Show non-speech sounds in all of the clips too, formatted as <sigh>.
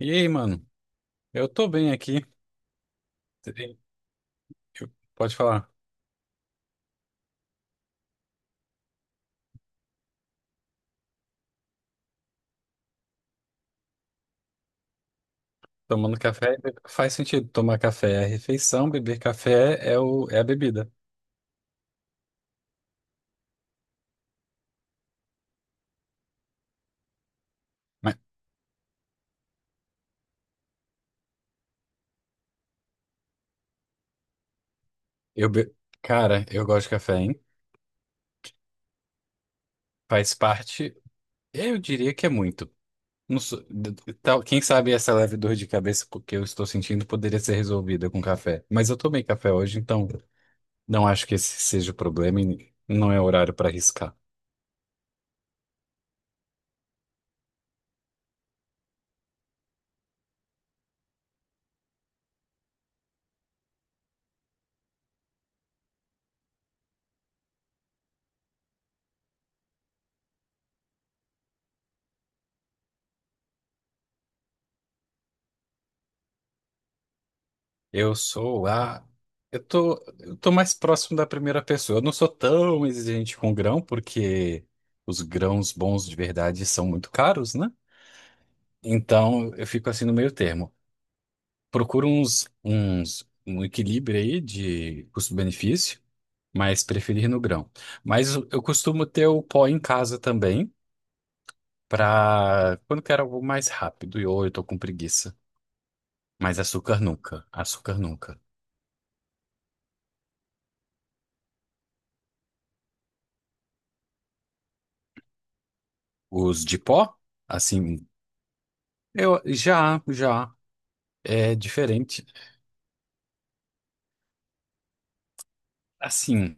E aí, mano? Eu tô bem aqui. Sim. Eu- Pode falar. Tomando café faz sentido. Tomar café é a refeição, beber café é a bebida. Mas eu be... Cara, eu gosto de café, hein? Faz parte. Eu diria que é muito. Não sou- d- d- tal- Quem sabe essa leve dor de cabeça que eu estou sentindo poderia ser resolvida com café. Mas eu tomei café hoje, então não acho que esse seja o problema e não é horário para arriscar. Eu sou a. Eu tô mais próximo da primeira pessoa. Eu não sou tão exigente com grão, porque os grãos bons de verdade são muito caros, né? Então eu fico assim no meio termo. Procuro um equilíbrio aí de custo-benefício, mas preferir no grão. Mas eu costumo ter o pó em casa também, para quando quero algo mais rápido, e ou eu tô com preguiça. Mas açúcar nunca, açúcar nunca. Os de pó? Assim, eu já, já é diferente. Assim,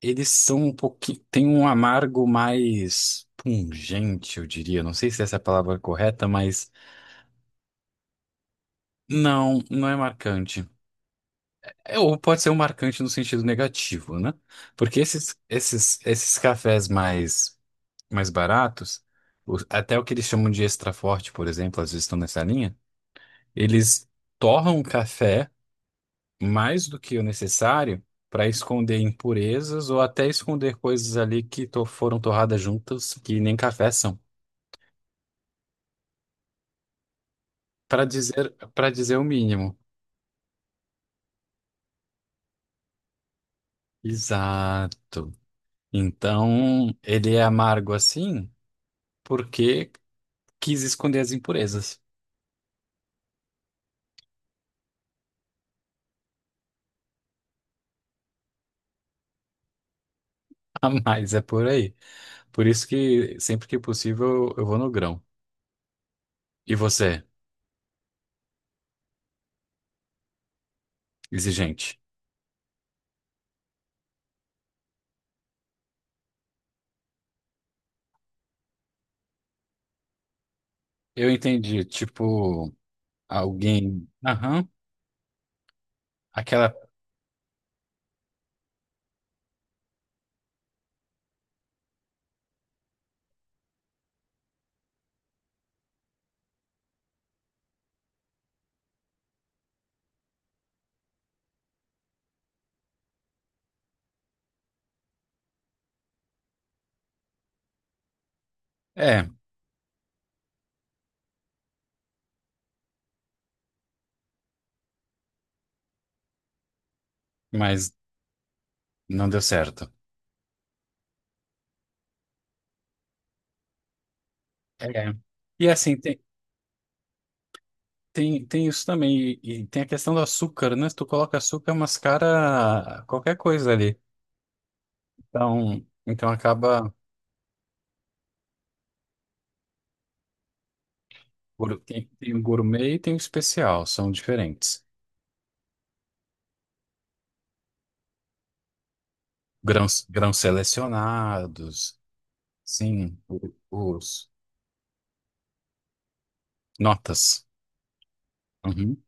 eles são um pouquinho, tem um amargo mais pungente, eu diria. Não sei se essa é a palavra correta, mas não, não é marcante. É, ou pode ser um marcante no sentido negativo, né? Porque esses cafés mais baratos, até o que eles chamam de extra forte, por exemplo, às vezes estão nessa linha, eles torram o café mais do que o necessário para esconder impurezas ou até esconder coisas ali que foram torradas juntas, que nem café são, para dizer o mínimo. Exato. Então, ele é amargo assim porque quis esconder as impurezas. <laughs> A mais é por aí. Por isso que sempre que possível eu vou no grão. E você, exigente? Eu entendi, tipo, alguém, aham, aquela, é, mas não deu certo. É. E assim, tem isso também. E tem a questão do açúcar, né? Se tu coloca açúcar, mascara qualquer coisa ali. Então acaba. Tem o gourmet e tem o especial, são diferentes. Grãos, grãos selecionados, sim, os notas. Uhum.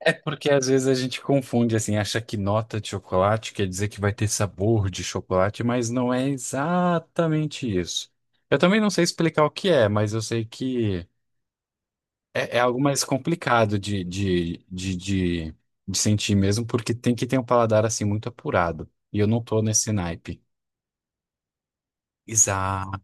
É porque às vezes a gente confunde, assim, acha que nota de chocolate quer dizer que vai ter sabor de chocolate, mas não é exatamente isso. Eu também não sei explicar o que é, mas eu sei que é algo mais complicado de sentir mesmo, porque tem que ter um paladar, assim, muito apurado. E eu não tô nesse naipe. Exato.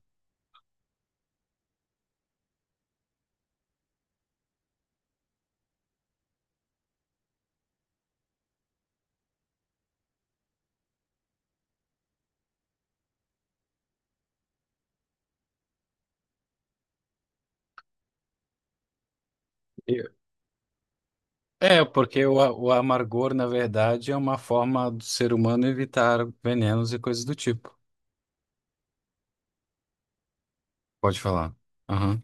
Eu- É, porque o amargor, na verdade, é uma forma do ser humano evitar venenos e coisas do tipo. Pode falar. Aham.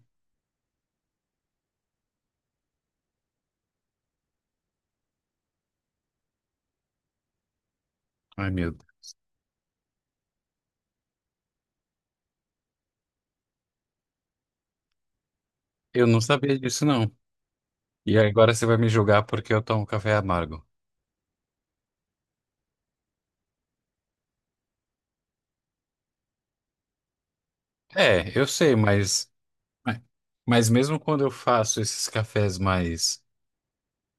Ai, meu Eu não sabia disso, não. E agora você vai me julgar porque eu tomo café amargo. É, eu sei, mas mesmo quando eu faço esses cafés mais,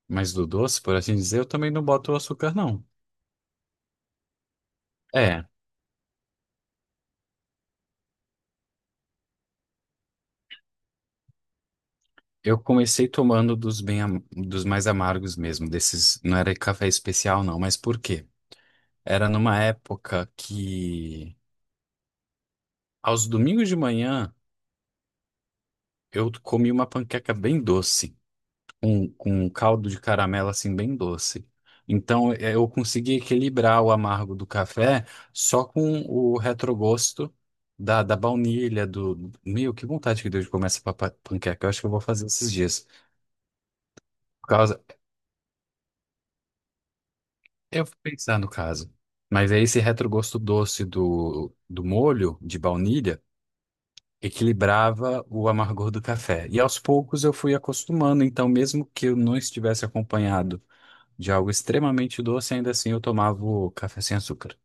mais do doce, por assim dizer, eu também não boto açúcar, não. É, eu comecei tomando dos mais amargos mesmo, desses, não era café especial, não, mas por quê? Era numa época que, aos domingos de manhã, eu comi uma panqueca bem doce. Com um caldo de caramelo assim bem doce. Então eu consegui equilibrar o amargo do café só com o retrogosto da baunilha, do... Meu, que vontade que deu de comer essa panqueca. Eu acho que eu vou fazer esses dias. Por causa... Eu vou pensar no caso. Mas é esse retrogosto doce do molho de baunilha equilibrava o amargor do café. E aos poucos eu fui acostumando, então mesmo que eu não estivesse acompanhado de algo extremamente doce, ainda assim eu tomava o café sem açúcar.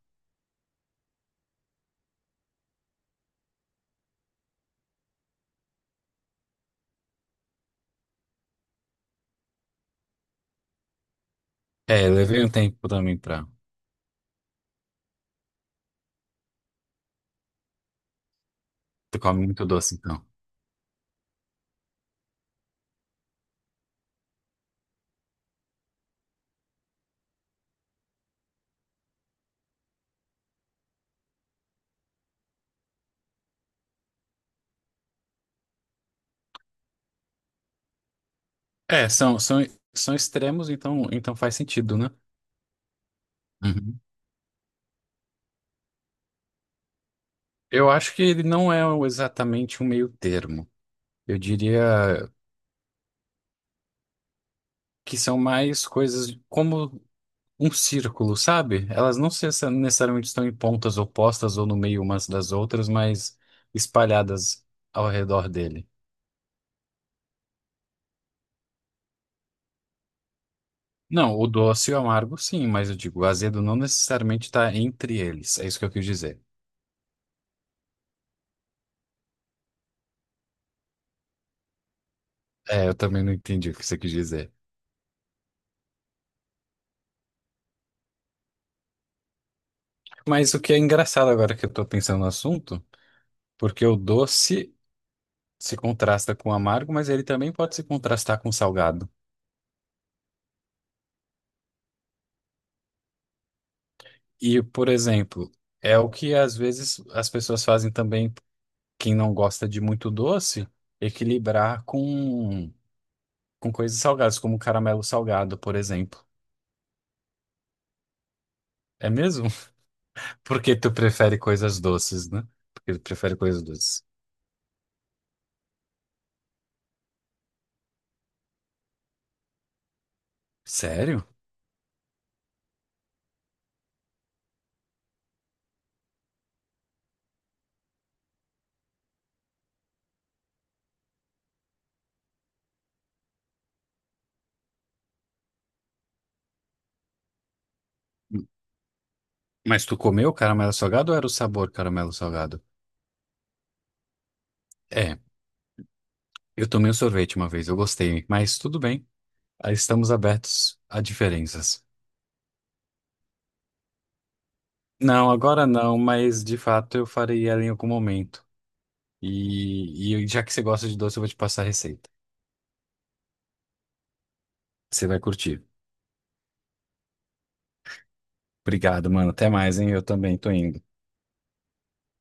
É, levei um tempo também pra... Tu come muito doce, então. É, são extremos, então faz sentido, né? Uhum. Eu acho que ele não é exatamente um meio termo. Eu diria que são mais coisas como um círculo, sabe? Elas não necessariamente estão em pontas opostas ou no meio umas das outras, mas espalhadas ao redor dele. Não, o doce e o amargo, sim, mas eu digo, o azedo não necessariamente está entre eles. É isso que eu quis dizer. É, eu também não entendi o que você quis dizer. Mas o que é engraçado agora que eu tô pensando no assunto, porque o doce se contrasta com o amargo, mas ele também pode se contrastar com o salgado. E, por exemplo, é o que às vezes as pessoas fazem também, quem não gosta de muito doce, equilibrar com, coisas salgadas, como caramelo salgado, por exemplo. É mesmo? <laughs> Porque tu prefere coisas doces, né? Porque tu prefere coisas doces. Sério? Mas tu comeu caramelo salgado ou era o sabor caramelo salgado? É, eu tomei um sorvete uma vez, eu gostei, mas tudo bem. Aí, estamos abertos a diferenças. Não, agora não, mas de fato eu farei ela em algum momento. E já que você gosta de doce, eu vou te passar a receita. Você vai curtir. Obrigado, mano. Até mais, hein? Eu também tô indo.